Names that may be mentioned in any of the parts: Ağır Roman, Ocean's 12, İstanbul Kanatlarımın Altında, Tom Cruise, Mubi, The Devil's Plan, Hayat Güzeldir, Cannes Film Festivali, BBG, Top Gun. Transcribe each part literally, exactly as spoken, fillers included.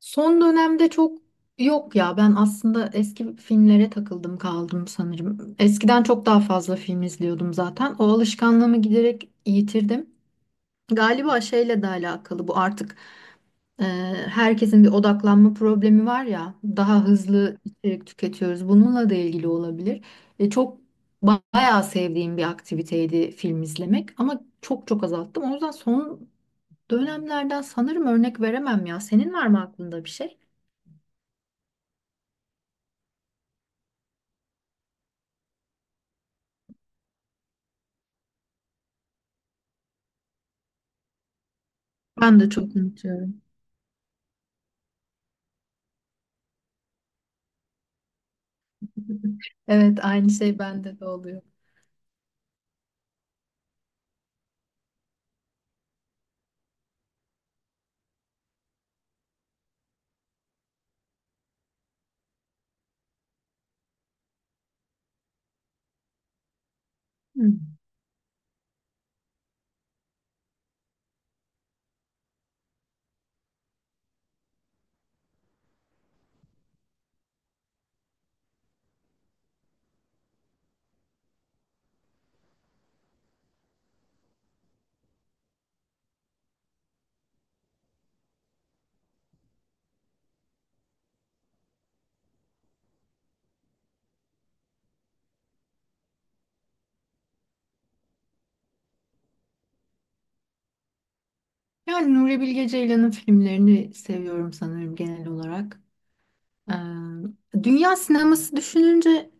Son dönemde çok yok ya. Ben aslında eski filmlere takıldım kaldım sanırım. Eskiden çok daha fazla film izliyordum zaten. O alışkanlığımı giderek yitirdim. Galiba şeyle de alakalı bu artık. e, Herkesin bir odaklanma problemi var ya. Daha hızlı içerik tüketiyoruz. Bununla da ilgili olabilir. E, çok ba- bayağı sevdiğim bir aktiviteydi film izlemek ama çok çok azalttım. O yüzden son dönemlerden sanırım örnek veremem ya. Senin var mı aklında bir şey? Ben de çok unutuyorum. Evet, aynı şey bende de oluyor. Hı. Yani Nuri Bilge Ceylan'ın filmlerini seviyorum sanırım genel olarak. Ee, Dünya sineması düşününce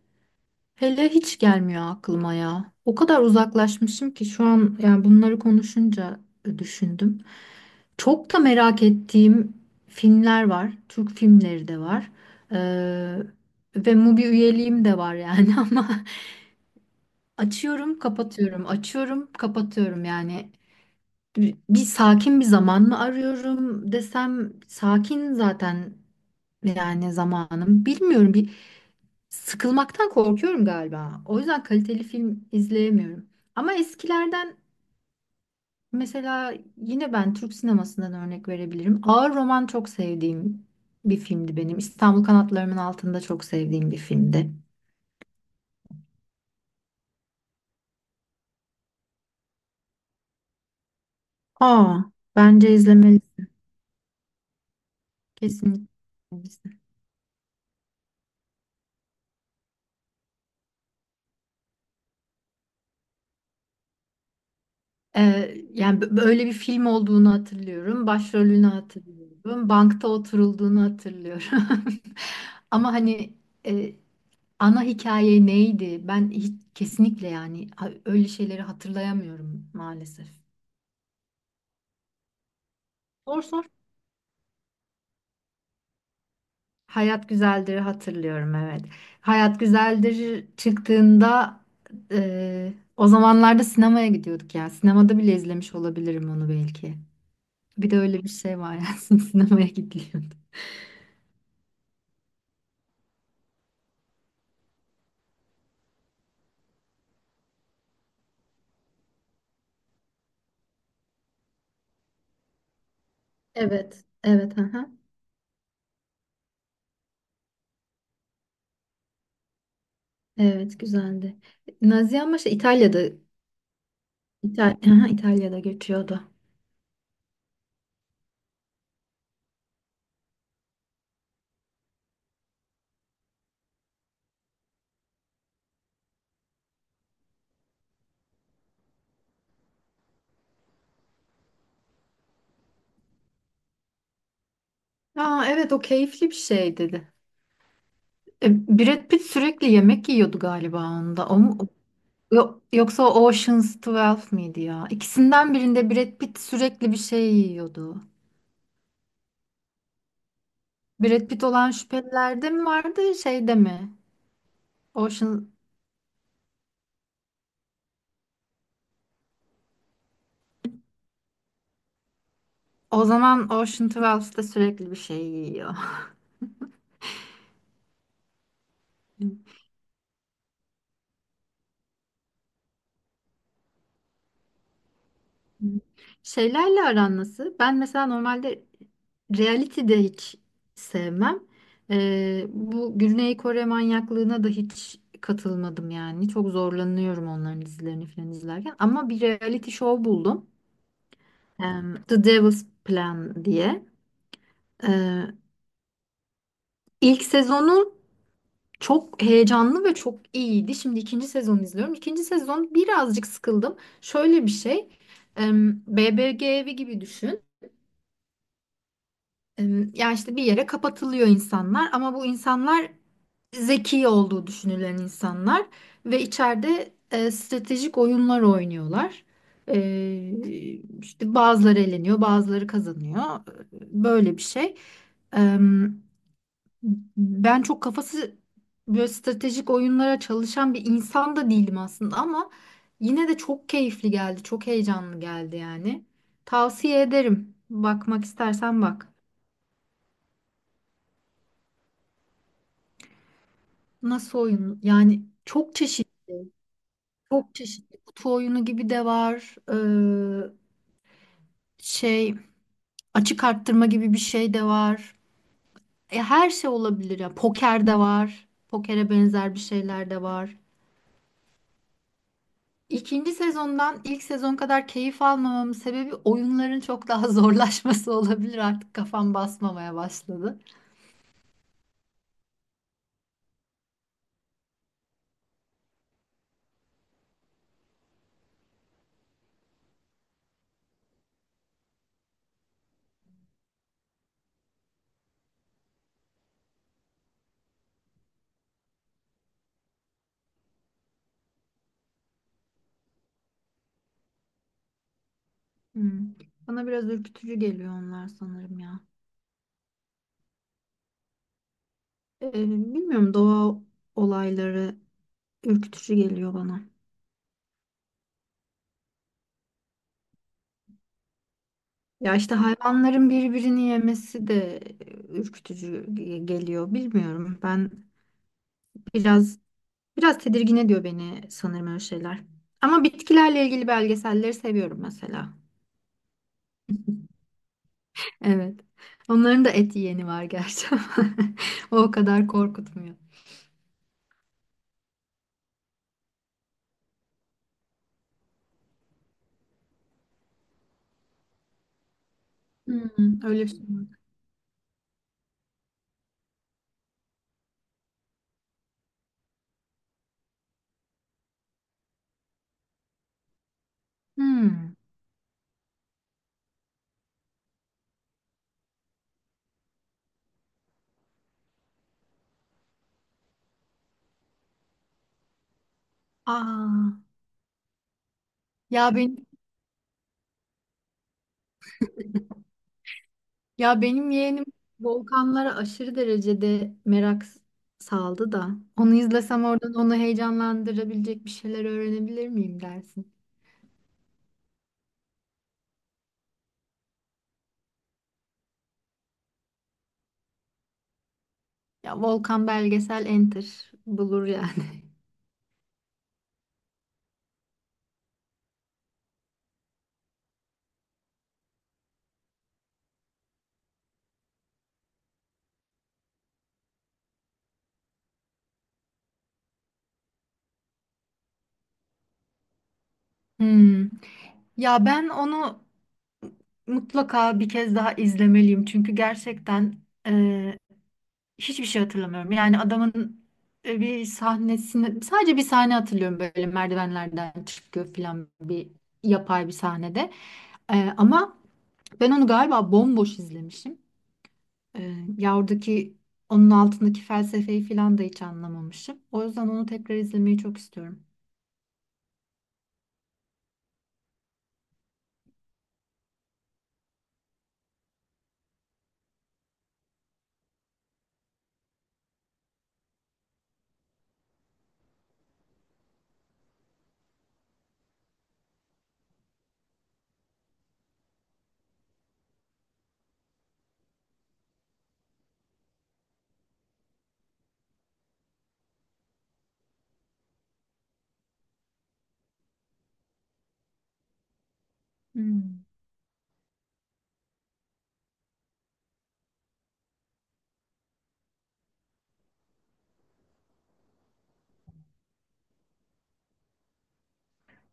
hele hiç gelmiyor aklıma ya. O kadar uzaklaşmışım ki şu an, yani bunları konuşunca düşündüm. Çok da merak ettiğim filmler var. Türk filmleri de var. Ee, Ve Mubi üyeliğim de var yani. Ama açıyorum, kapatıyorum, açıyorum, kapatıyorum yani. Bir, bir sakin bir zaman mı arıyorum desem, sakin zaten yani zamanım. Bilmiyorum, bir sıkılmaktan korkuyorum galiba. O yüzden kaliteli film izleyemiyorum. Ama eskilerden mesela yine ben Türk sinemasından örnek verebilirim. Ağır Roman çok sevdiğim bir filmdi benim. İstanbul Kanatlarımın Altında çok sevdiğim bir filmdi. Aa, bence izlemelisin kesinlikle. Ee, yani bö- böyle bir film olduğunu hatırlıyorum. Başrolünü hatırlıyorum. Bankta oturulduğunu hatırlıyorum. Ama hani e, ana hikaye neydi? Ben hiç, kesinlikle yani ha- öyle şeyleri hatırlayamıyorum maalesef. Sor sor. Hayat Güzeldir'i hatırlıyorum, evet. Hayat Güzeldir çıktığında, e, o zamanlarda sinemaya gidiyorduk yani. Sinemada bile izlemiş olabilirim onu belki. Bir de öyle bir şey var yani, sinemaya gidiliyordu. Evet, evet, aha. Evet, güzeldi. Nazi ama şey, İtalya'da. İtal aha, İtalya'da geçiyordu. Aa, evet, o keyifli bir şey dedi. E, Brad Pitt sürekli yemek yiyordu galiba onda. O mu- Yo- yoksa o Ocean's on iki miydi ya? İkisinden birinde Brad Pitt sürekli bir şey yiyordu. Brad Pitt olan şüphelilerde mi vardı, şeyde mi? Ocean, o zaman Ocean on ikide sürekli bir şey yiyor. Hı. Şeylerle aran nasıl? Ben mesela normalde reality de hiç sevmem. Ee, bu Güney Kore manyaklığına da hiç katılmadım yani. Çok zorlanıyorum onların dizilerini falan izlerken. Ama bir reality show buldum. Em, The Devil's Plan diye. Ee, ilk sezonu çok heyecanlı ve çok iyiydi. Şimdi ikinci sezonu izliyorum. İkinci sezon birazcık sıkıldım. Şöyle bir şey. em, B B G evi gibi düşün. Em, Ya işte bir yere kapatılıyor insanlar, ama bu insanlar zeki olduğu düşünülen insanlar ve içeride e, stratejik oyunlar oynuyorlar. E, işte bazıları eleniyor, bazıları kazanıyor. Böyle bir şey. Em, Ben çok kafası böyle stratejik oyunlara çalışan bir insan da değilim aslında, ama yine de çok keyifli geldi, çok heyecanlı geldi yani. Tavsiye ederim. Bakmak istersen bak. Nasıl oyun? Yani çok çeşitli, çok çeşitli. Kutu oyunu gibi de var. Ee, şey, açık arttırma gibi bir şey de var. E, her şey olabilir ya. Poker de var. Pokere benzer bir şeyler de var. İkinci sezondan ilk sezon kadar keyif almamamın sebebi oyunların çok daha zorlaşması olabilir. Artık kafam basmamaya başladı. Hmm. Bana biraz ürkütücü geliyor onlar sanırım ya. Ee, bilmiyorum, doğa olayları ürkütücü geliyor bana. Ya işte hayvanların birbirini yemesi de e, ürkütücü ge- geliyor. Bilmiyorum. Ben biraz biraz tedirgin ediyor beni sanırım öyle şeyler. Ama bitkilerle ilgili belgeselleri seviyorum mesela. Evet. Onların da et yiyeni var gerçi ama o kadar korkutmuyor. Hmm, öyle bir şey var. Hmm. Aa, ya ben. Ya benim yeğenim volkanlara aşırı derecede merak s- saldı da. Onu izlesem oradan onu heyecanlandırabilecek bir şeyler öğrenebilir miyim dersin? Ya volkan belgesel enter bulur yani. Hmm. Ya ben onu mutlaka bir kez daha izlemeliyim. Çünkü gerçekten hiçbir şey hatırlamıyorum. Yani adamın e, bir sahnesini sadece bir sahne hatırlıyorum, böyle merdivenlerden çıkıyor falan bir yapay bir sahnede. Ee, ama ben onu galiba bomboş izlemişim. Ee, ya oradaki, onun altındaki felsefeyi falan da hiç anlamamışım. O yüzden onu tekrar izlemeyi çok istiyorum. Hmm.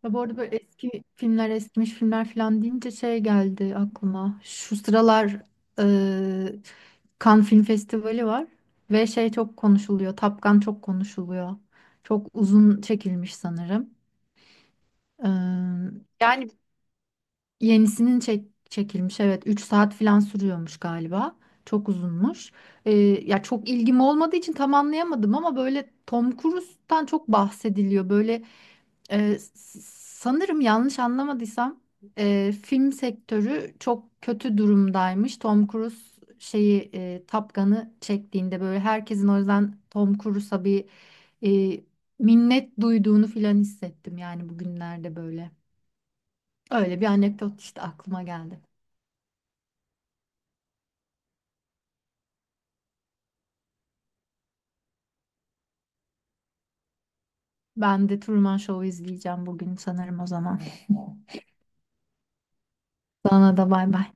Ya bu arada böyle eski filmler, eskimiş filmler falan deyince şey geldi aklıma. Şu sıralar e, Cannes Film Festivali var ve şey çok konuşuluyor. Top Gun çok konuşuluyor. Çok uzun çekilmiş sanırım. E, Yani yenisinin çek, çekilmiş, evet, üç saat falan sürüyormuş galiba. Çok uzunmuş. E, Ya çok ilgim olmadığı için tam anlayamadım, ama böyle Tom Cruise'tan çok bahsediliyor. Böyle ee, s- sanırım yanlış anlamadıysam e, film sektörü çok kötü durumdaymış. Tom Cruise şeyi e, Top Gun'ı çektiğinde böyle herkesin o yüzden Tom Cruise'a bir e, minnet duyduğunu filan hissettim yani bugünlerde böyle. Öyle bir anekdot işte aklıma geldi. Ben de Truman Show'u izleyeceğim bugün sanırım o zaman. Sana da bay bay.